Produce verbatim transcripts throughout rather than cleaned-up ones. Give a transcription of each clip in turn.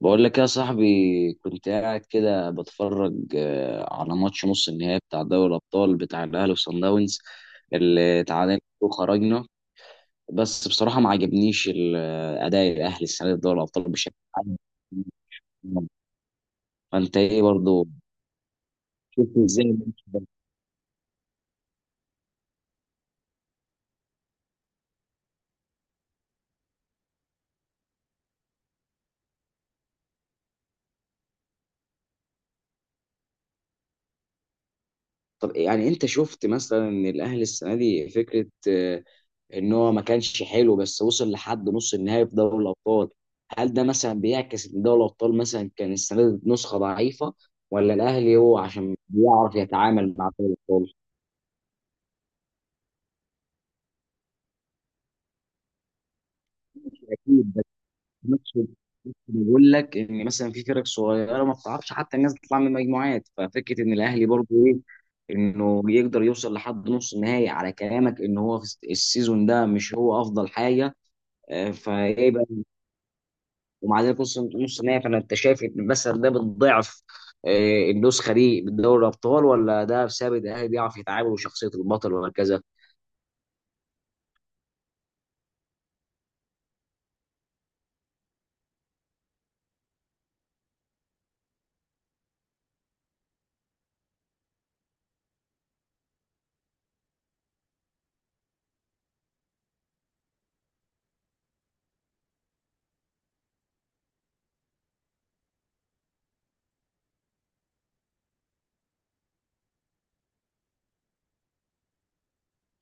بقول لك يا صاحبي، كنت قاعد كده بتفرج آه، على ماتش نص النهائي بتاع دوري الأبطال بتاع الأهلي وصن داونز اللي تعادلنا وخرجنا. بس بصراحة ما عجبنيش ال- آه، أداء الأهلي السنة دي في دوري الأبطال بشكل عام. فأنت إيه برضه، شفت إزاي الماتش ده؟ طب يعني أنت شفت مثلا إن الأهلي السنة دي فكرة آه، ان هو ما كانش حلو بس وصل لحد نص النهائي في دوري الابطال. هل ده مثلا بيعكس ان دوري الابطال مثلا كان السنه دي نسخه ضعيفه، ولا الاهلي هو عشان بيعرف يتعامل مع دوري الابطال؟ اكيد، بس في نفس الوقت بقول لك ان مثلا في فرق صغيره ما بتعرفش حتى الناس تطلع من المجموعات، ففكره ان الاهلي برضه ايه، انه يقدر يوصل لحد نص النهائي على كلامك ان هو في السيزون ده مش هو افضل حاجه. آه، فايه بقى، ومع ذلك نص نص نهائي. فانا انت شايف ان مثلا ده بتضعف آه، النسخه دي من دوري الابطال، ولا ده بسبب ان الاهلي بيعرف يتعامل وشخصيه البطل وهكذا؟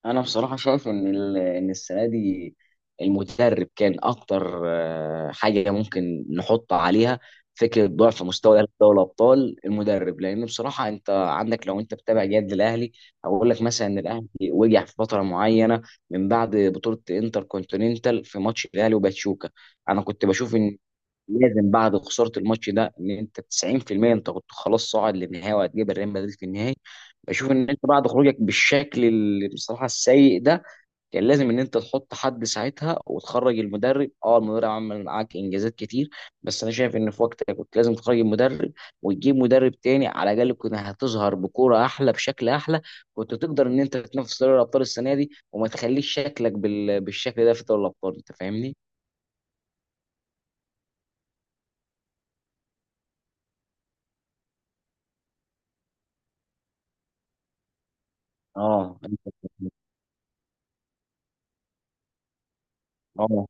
انا بصراحه شايف ان ال- ان السنه دي المدرب كان اكتر آه، حاجه ممكن نحط عليها فكره ضعف مستوى الاهلي في دوري الابطال، المدرب، لان بصراحه انت عندك لو انت بتابع جد الاهلي هقول لك مثلا ان الاهلي وجع في فتره معينه من بعد بطوله انتر كونتيننتال في ماتش الاهلي وباتشوكا. انا كنت بشوف ان لازم بعد خساره الماتش ده ان انت تسعين في المية انت كنت خلاص صاعد للنهائي وهتجيب الريال مدريد في النهائي. بشوف ان انت بعد خروجك بالشكل اللي بصراحه السيء ده كان لازم ان انت تحط حد ساعتها وتخرج المدرب. اه المدرب عمل معاك انجازات كتير، بس انا شايف ان في وقتها كنت لازم تخرج المدرب وتجيب مدرب تاني. على الاقل كنت هتظهر بكوره احلى، بشكل احلى، كنت تقدر ان انت تنافس دوري الابطال السنه دي وما تخليش شكلك بال... بالشكل ده في دوري الابطال. انت فاهمني؟ اه. اه.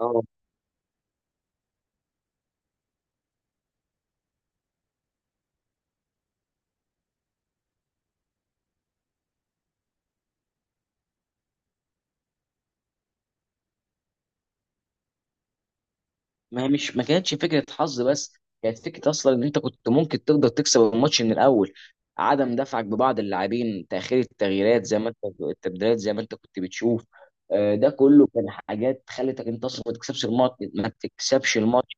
اه. ما هي مش ما كانتش فكره حظ بس، كانت فكره اصلا ان انت كنت ممكن تقدر تكسب الماتش من الاول. عدم دفعك ببعض اللاعبين، تاخير التغييرات زي ما انت، التبديلات زي ما انت كنت بتشوف. آه، ده كله كان حاجات خلتك انت اصلا ما تكسبش الماتش، ما تكسبش الماتش.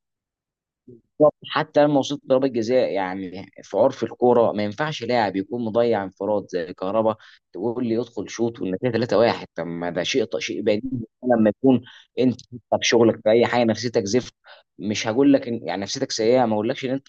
بالظبط. حتى لما وصلت ضربة جزاء يعني في عرف الكورة ما ينفعش لاعب يكون مضيع انفراد زي كهربا تقول لي يدخل شوط والنتيجة ثلاثة واحد. طب ما ده شيء شيء بديهي لما يكون انت في شغلك في اي حاجة نفسيتك زفت. مش هقول لك إن يعني نفسيتك سيئة، ما اقولكش ان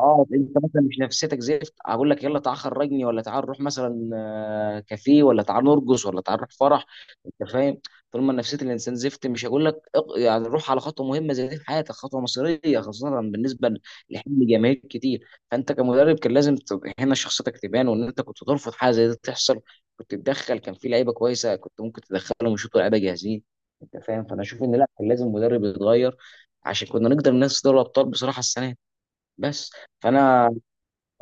اه انت مثلا مش نفسيتك زفت اقول لك يلا تعال خرجني، ولا تعال نروح مثلا آه، كافيه، ولا تعال نرقص، ولا تعال نروح فرح. انت فاهم، طول ما نفسيه الانسان زفت مش هقول لك اق- يعني روح على خطوه مهمه زي دي في حياتك، خطوه مصيريه خاصه بالنسبه لحلم جماهير كتير. فانت كمدرب كان لازم تبقى هنا شخصيتك تبان، وان انت كنت ترفض حاجه زي دي تحصل. كنت تدخل، كان في لعيبه كويسه كنت ممكن تدخلهم ويشوطوا لعيبه جاهزين. انت فاهم، فانا اشوف ان لا، كان لازم مدرب يتغير عشان كنا نقدر ننافس دوري الابطال بصراحه السنه، بس. فانا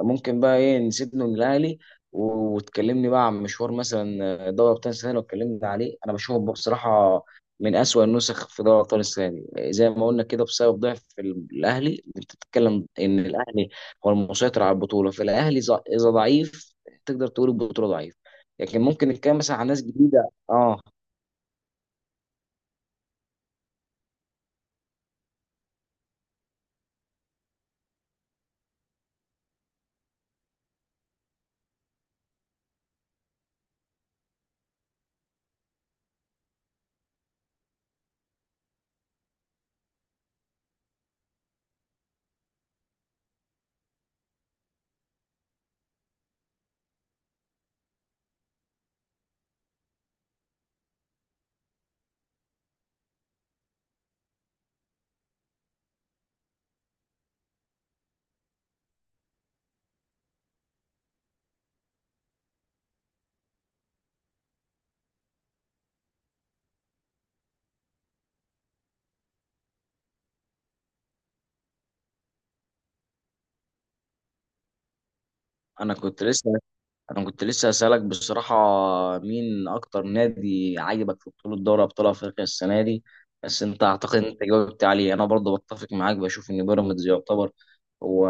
ممكن بقى ايه نسيبنا من الاهلي وتكلمني بقى عن مشوار مثلا آه، دوري ابطال السنه اللي اتكلمنا عليه. انا بشوفه بصراحه من اسوأ النسخ في دوري ابطال السنه دي آه، زي ما قلنا كده بسبب ضعف الاهلي. انت بتتكلم ان الاهلي هو المسيطر على البطوله، فالاهلي ز- اذا ضعيف تقدر تقول البطوله ضعيف. لكن ممكن نتكلم مثلا عن ناس جديده. اه انا كنت لسه، انا كنت لسه اسالك بصراحه مين اكتر نادي عاجبك في بطوله دوري ابطال افريقيا السنه دي؟ بس انت اعتقد انت جاوبت عليه. انا برضه بتفق معاك، بشوف ان بيراميدز يعتبر هو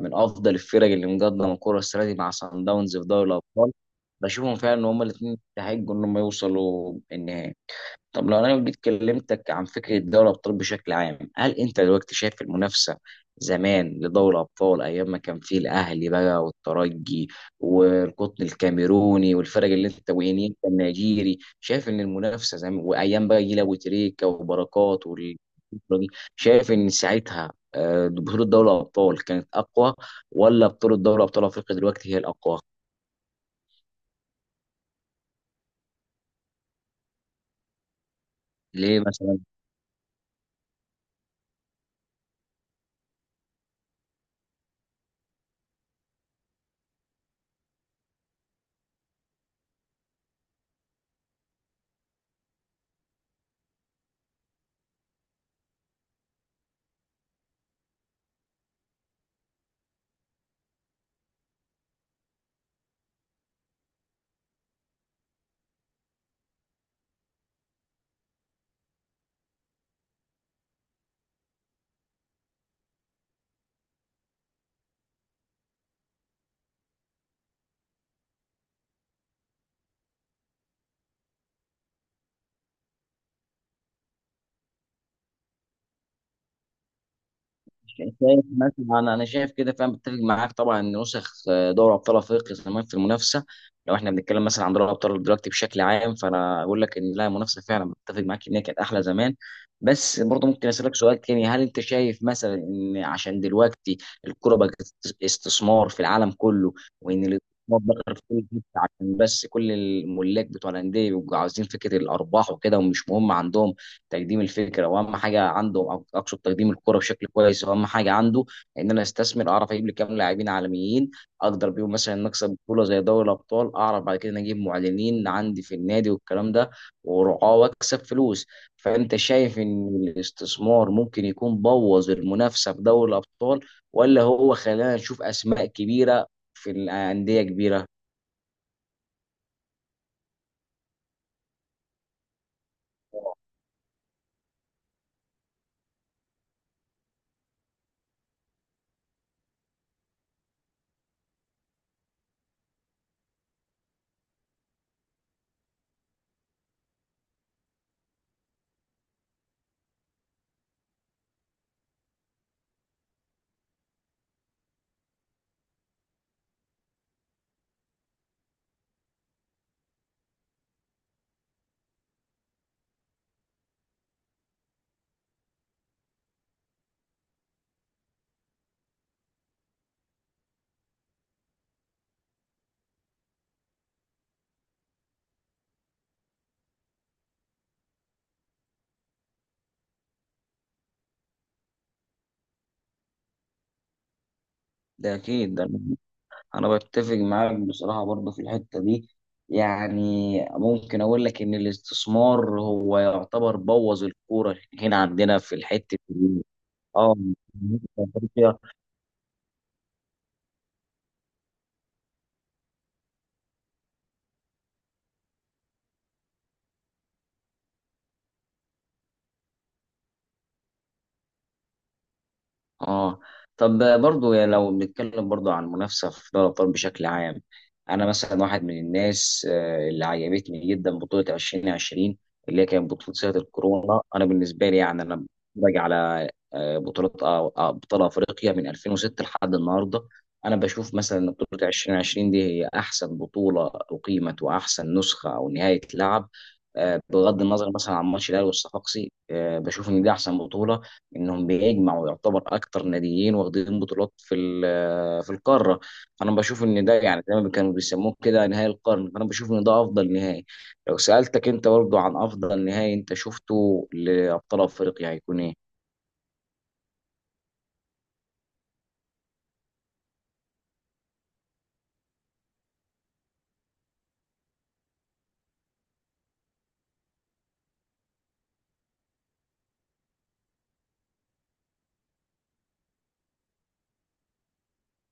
من افضل الفرق اللي مقدمه الكره السنه دي مع سان داونز في دوري الابطال. بشوفهم فعلا ان هما الاثنين يستحقوا ان هم يوصلوا النهائي. طب لو انا جيت كلمتك عن فكره دوري الابطال بشكل عام، هل انت دلوقتي شايف المنافسه زمان لدوري الابطال ايام ما كان فيه الاهلي بقى، والترجي، والقطن الكاميروني، والفرق اللي انت ويني انت النيجيري، شايف ان المنافسه زمان، وايام بقى جيل ابو تريكه وبركات وال- الفترة دي، شايف ان ساعتها آه، بطوله دوري الابطال كانت اقوى، ولا بطوله دوري ابطال افريقيا دلوقتي هي الاقوى؟ ليه مثلا؟ شايف مثلا انا، أنا شايف كده، فاهم، بتفق معاك طبعا ان نسخ آه، دوري ابطال افريقيا زمان في المنافسه، لو احنا بنتكلم مثلا عن دوري ابطال دلوقتي بشكل عام، فانا اقول لك ان لا، منافسه فعلا بتفق معاك ان هي كانت احلى زمان. بس برضه ممكن اسالك سؤال تاني، هل انت شايف مثلا ان عشان دلوقتي الكوره بقت است- استثمار في العالم كله، وان الاستثمار بقى في كل حته، عشان بس كل الملاك بتوع الانديه بيبقوا عاوزين فكره الارباح وكده، ومش مهم عندهم تقديم الفكره، واهم حاجه عنده أق- اقصد تقديم الكره بشكل كويس، واهم حاجه عنده ان انا استثمر، اعرف اجيب لي كام لاعبين عالميين، اقدر بيهم مثلا نكسب بطوله زي دوري الابطال، اعرف بعد كده إن اجيب معلنين عندي في النادي والكلام ده، ورعاه، واكسب فلوس. فانت شايف ان الاستثمار ممكن يكون بوظ المنافسه في دوري الابطال، ولا هو خلانا نشوف اسماء كبيره في الانديه كبيره؟ ده اكيد، ده انا بتفق معاك بصراحه برضه في الحته دي. يعني ممكن اقول لك ان الاستثمار هو يعتبر بوظ الكوره هنا عندنا في الحته دي. اه. اه. طب برضو يعني لو بنتكلم برضو عن المنافسه في دوري الابطال بشكل عام، انا مثلا واحد من الناس آه، اللي عجبتني جدا بطوله ألفين وعشرين اللي هي كانت بطوله سنه الكورونا. انا بالنسبه لي يعني انا بتفرج على آه، بطوله آه، آه، ابطال افريقيا من ألفين وستة لحد النهارده، انا بشوف مثلا ان بطوله ألفين وعشرين دي هي احسن بطوله اقيمت، واحسن نسخه او نهايه لعب آه، بغض النظر مثلا عن ماتش الاهلي والصفاقسي. آه، بشوف ان دي احسن بطوله انهم بيجمعوا يعتبر اكتر ناديين واخدين بطولات في ال- في القاره. فانا بشوف ان ده يعني زي ما كانوا بيسموه كده نهائي القرن، فانا بشوف ان ده افضل نهائي. لو سالتك انت برضه عن افضل نهائي انت شفته لابطال افريقيا هيكون ايه؟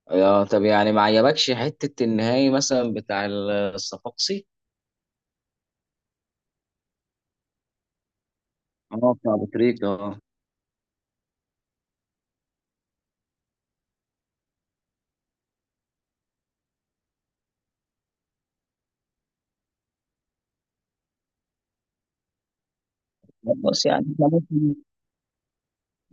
آه طب يعني ما عجبكش حته النهائي مثلا بتاع الصفاقسي؟ اه بتاع ابو تريكة اه. بس يعني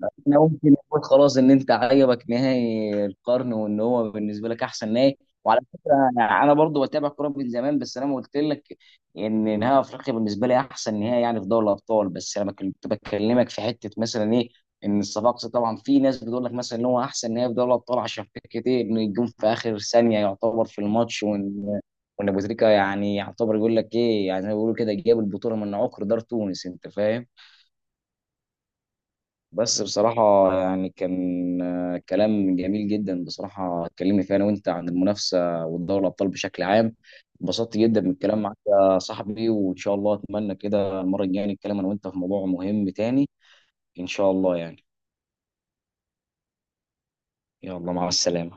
احنا ممكن نقول خلاص ان انت عجبك نهائي القرن وان هو بالنسبه لك احسن نهائي. وعلى فكره انا، أنا برضو بتابع كوره من زمان، بس انا ما قلت لك ان نهائي افريقيا بالنسبه لي احسن نهائي يعني في دوري الابطال. بس انا كنت بكلمك في حته مثلا ايه، ان الصفاقسي طبعا في ناس بتقول لك مثلا ان هو احسن نهائي في دوري الابطال عشان فكره ايه، انه يجون في اخر ثانيه يعتبر في الماتش، وان وان ابو تريكه يعني يعتبر يقول لك ايه، يعني زي ما بيقولوا كده جاب البطوله من عقر دار تونس، انت فاهم. بس بصراحة يعني كان آه، كلام جميل جدا بصراحة اتكلمنا فيه أنا وأنت عن المنافسة والدوري الأبطال بشكل عام. اتبسطت جدا من الكلام معاك يا صاحبي، وإن شاء الله أتمنى كده المرة الجاية نتكلم أنا وأنت في موضوع مهم تاني، إن شاء الله يعني. يلا، مع السلامة.